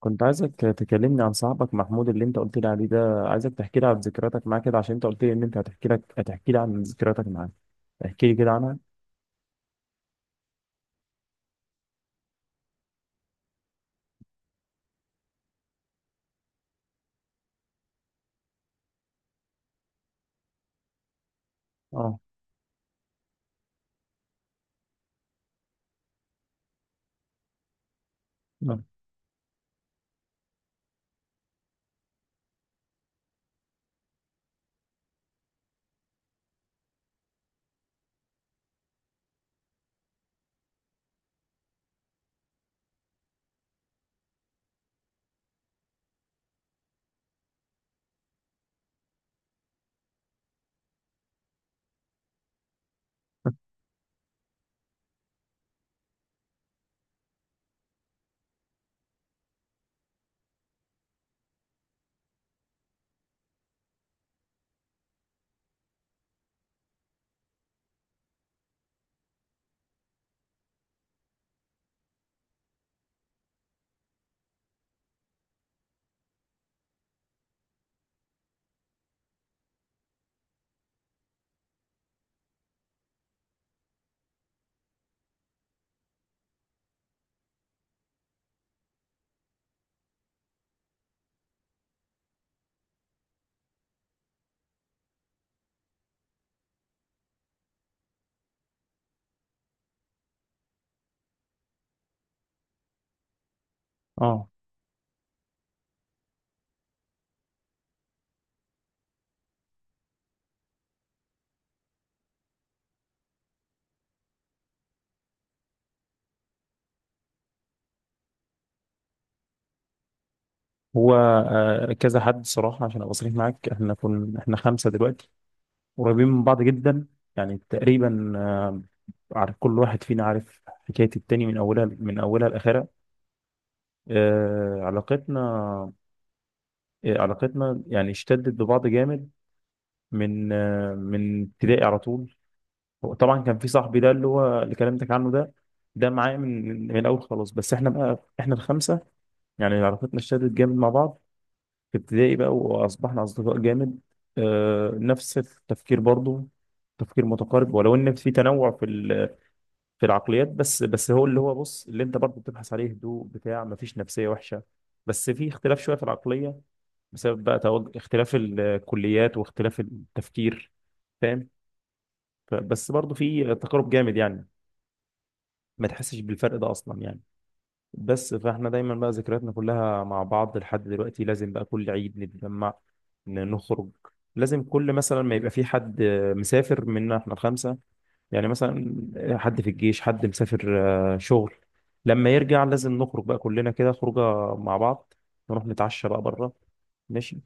كنت عايزك تكلمني عن صاحبك محمود اللي انت قلت لي عليه ده، عايزك تحكي لي عن ذكرياتك معاه كده، عشان انت قلت لي ان انت هتحكي لي عن ذكرياتك معاه. احكي لي كده عنها. اه، اه، اه. هو كذا حد صراحة، عشان ابقى صريح معاك، احنا خمسة دلوقتي، قريبين من بعض جدا، يعني تقريبا، عارف كل واحد فينا عارف حكاية التاني من اولها لاخرها. علاقتنا علاقتنا يعني اشتدت ببعض جامد من من ابتدائي على طول. هو طبعا كان في صاحبي ده اللي هو اللي كلمتك عنه ده، ده معايا من الاول خلاص. بس احنا بقى احنا الخمسه، يعني علاقتنا اشتدت جامد مع بعض في ابتدائي بقى، واصبحنا اصدقاء جامد. نفس التفكير برضو، تفكير متقارب، ولو ان في تنوع في في العقليات، بس هو اللي هو، بص، اللي انت برضو بتبحث عليه، هدوء بتاع، مفيش نفسيه وحشه، بس في اختلاف شويه في العقليه بسبب بقى اختلاف الكليات واختلاف التفكير، فاهم. بس برضو في تقارب جامد يعني، ما تحسش بالفرق ده اصلا يعني. بس فاحنا دايما بقى ذكرياتنا كلها مع بعض لحد دلوقتي، لازم بقى كل عيد نتجمع، نخرج. لازم كل مثلا ما يبقى في حد مسافر منا احنا الخمسه، يعني مثلا، حد في الجيش، حد مسافر، شغل، لما يرجع لازم نخرج بقى كلنا كده خروجه مع بعض، نروح نتعشى بقى بره، ماشي.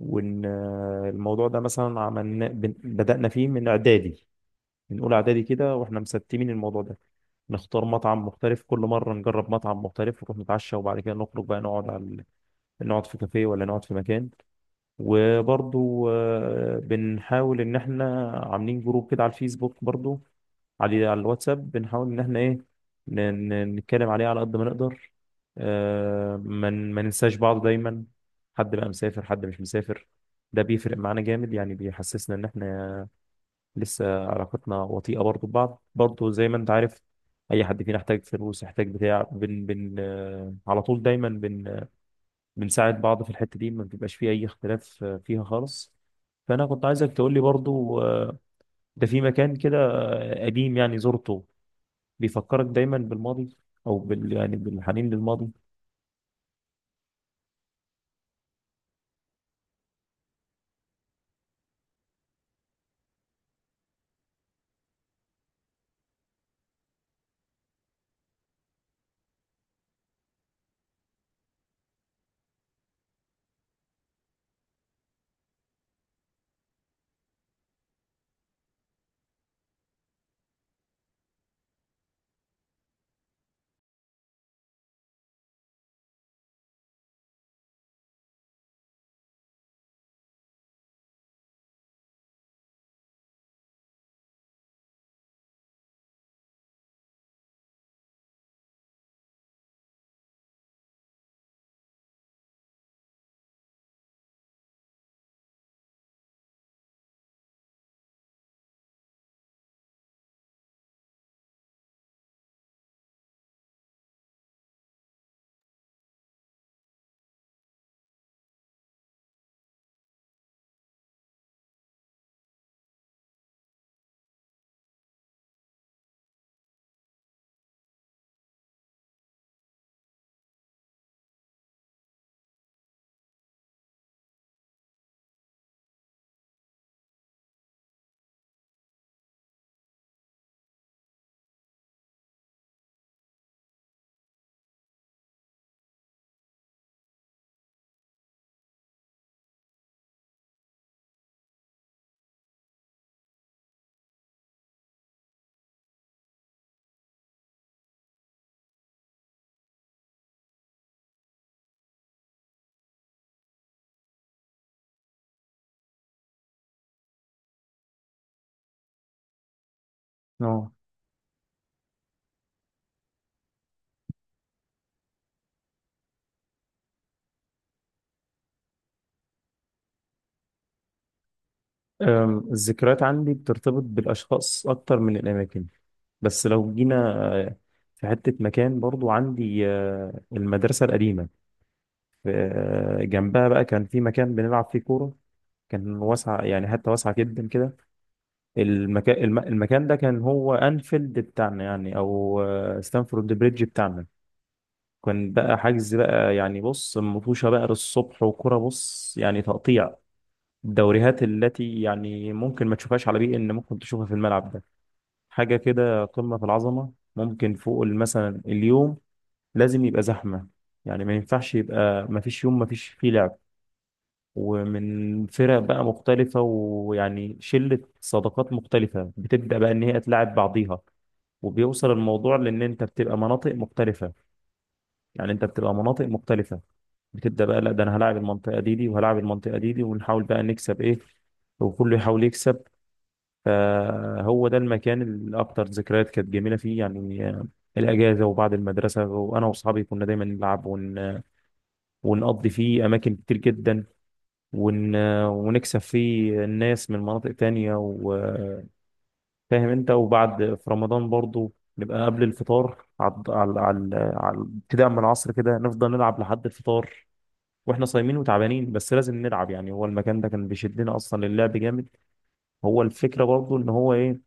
وان الموضوع ده مثلا عملنا بدأنا فيه من اعدادي، من اولى اعدادي كده واحنا مستمين الموضوع ده، نختار مطعم مختلف كل مره، نجرب مطعم مختلف ونروح نتعشى، وبعد كده نخرج بقى نقعد على نقعد في كافيه ولا نقعد في مكان. وبرضو بنحاول ان احنا عاملين جروب كده على الفيسبوك برضو، على الواتساب، بنحاول ان احنا ايه، ن- نتكلم عليه على قد ما نقدر، ما ننساش بعض دايما. حد بقى مسافر، حد مش مسافر، ده بيفرق معانا جامد، يعني بيحسسنا ان احنا لسه علاقتنا وطيئة برضو ببعض برضو، زي ما انت عارف. اي حد فينا احتاج فلوس، احتاج بتاع، بن بن آه، على طول دايما، بن آه، بنساعد بعض في الحتة دي، ما بيبقاش فيه اي اختلاف فيها خالص. فانا كنت عايزك تقول لي برضو ده في مكان كده قديم يعني زرته، بيفكرك دايما بالماضي، او يعني بالحنين للماضي؟ اه. الذكريات عندي بترتبط بالاشخاص اكتر من الاماكن، بس لو جينا آه، في حتة مكان برضو عندي المدرسة القديمة، في- جنبها بقى كان في مكان بنلعب فيه كورة، كان واسع يعني، حتة واسعة جدا كده. المكان ده كان هو أنفيلد بتاعنا يعني، أو ستانفورد بريدج بتاعنا. كان بقى حجز بقى يعني، بص، مطوشة بقى للصبح وكرة، بص، يعني تقطيع الدوريات التي يعني ممكن ما تشوفهاش على بيئة، إن ممكن تشوفها في الملعب ده، حاجة كده قمة في العظمة. ممكن فوق مثلا اليوم لازم يبقى زحمة، يعني ما ينفعش يبقى، ما فيش يوم ما فيش فيه لعب. ومن فرق بقى مختلفة، ويعني شلة صداقات مختلفة بتبدأ بقى إن هي تلاعب بعضيها، وبيوصل الموضوع لان انت بتبقى مناطق مختلفه، يعني انت بتبقى مناطق مختلفه، بتبدا بقى لا ده انا هلاعب المنطقه دي، وهلاعب المنطقه دي، ونحاول بقى نكسب ايه، وكله يحاول يكسب. فهو ده المكان اللي اكتر ذكريات كانت جميله فيه يعني، الاجازه وبعد المدرسه، وانا واصحابي كنا دايما نلعب ونقضي فيه أماكن كتير جدا، ون... ونكسب فيه الناس من مناطق تانية، وفاهم أنت. وبعد في رمضان برضو نبقى قبل الفطار، على ابتداء من العصر كده نفضل نلعب لحد الفطار، واحنا صايمين وتعبانين، بس لازم نلعب يعني، هو المكان ده كان بيشدنا اصلا للعب جامد. هو الفكره برضو ان هو ايه،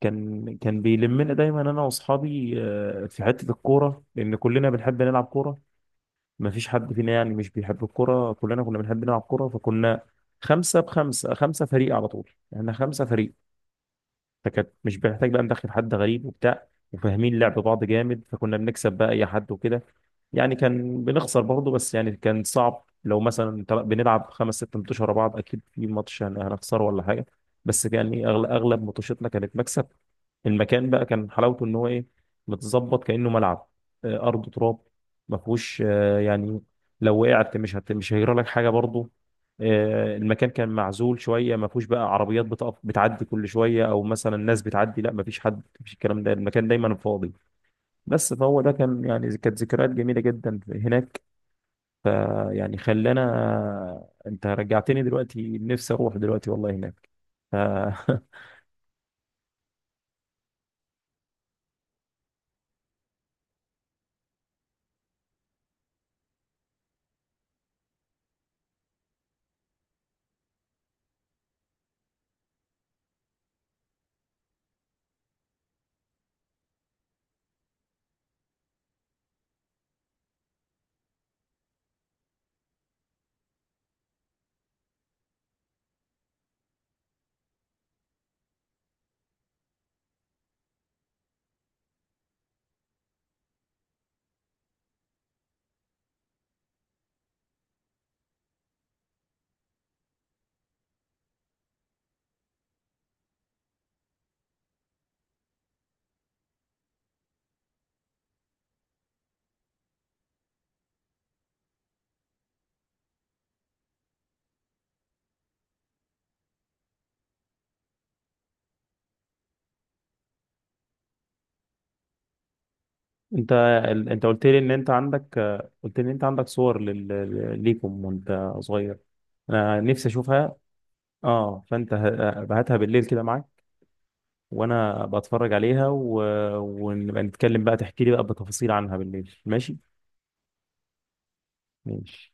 كان بيلمنا دايما انا واصحابي في حته الكوره لان كلنا بنحب نلعب كوره، ما فيش حد فينا يعني مش بيحب الكرة، كلنا كنا بنحب نلعب كرة، فكنا خمسة بخمسة، خمسة فريق على طول، احنا خمسة فريق. فكانت مش بنحتاج بقى ندخل حد غريب وبتاع، وفاهمين لعب بعض جامد، فكنا بنكسب بقى اي حد وكده، يعني كان بنخسر برضه بس يعني كان صعب، لو مثلا بنلعب خمس ست ماتشات ورا بعض اكيد في ماتش هنخسره ولا حاجه، بس يعني اغلب ماتشاتنا كانت مكسب. المكان بقى كان حلاوته ان هو ايه، متظبط كانه ملعب، ارض تراب، ما فيهوش يعني، لو وقعت مش هيجرى لك حاجه برضه. المكان كان معزول شويه، ما فيهوش بقى عربيات بتقف بتعدي كل شويه، او مثلا ناس بتعدي، لا ما فيش حد، ما فيش الكلام ده، المكان دايما فاضي. بس فهو ده كان يعني كانت ذكريات جميله جدا هناك، فيعني خلانا، انت رجعتني دلوقتي نفسي اروح دلوقتي والله هناك. ف... انت انت قلت لي ان انت عندك، صور ليكم وانت صغير، انا نفسي اشوفها. اه، فانت هاتها بالليل كده معاك، وانا بتفرج عليها ونبقى نتكلم بقى تحكي لي بقى بتفاصيل عنها بالليل، ماشي. ماشي.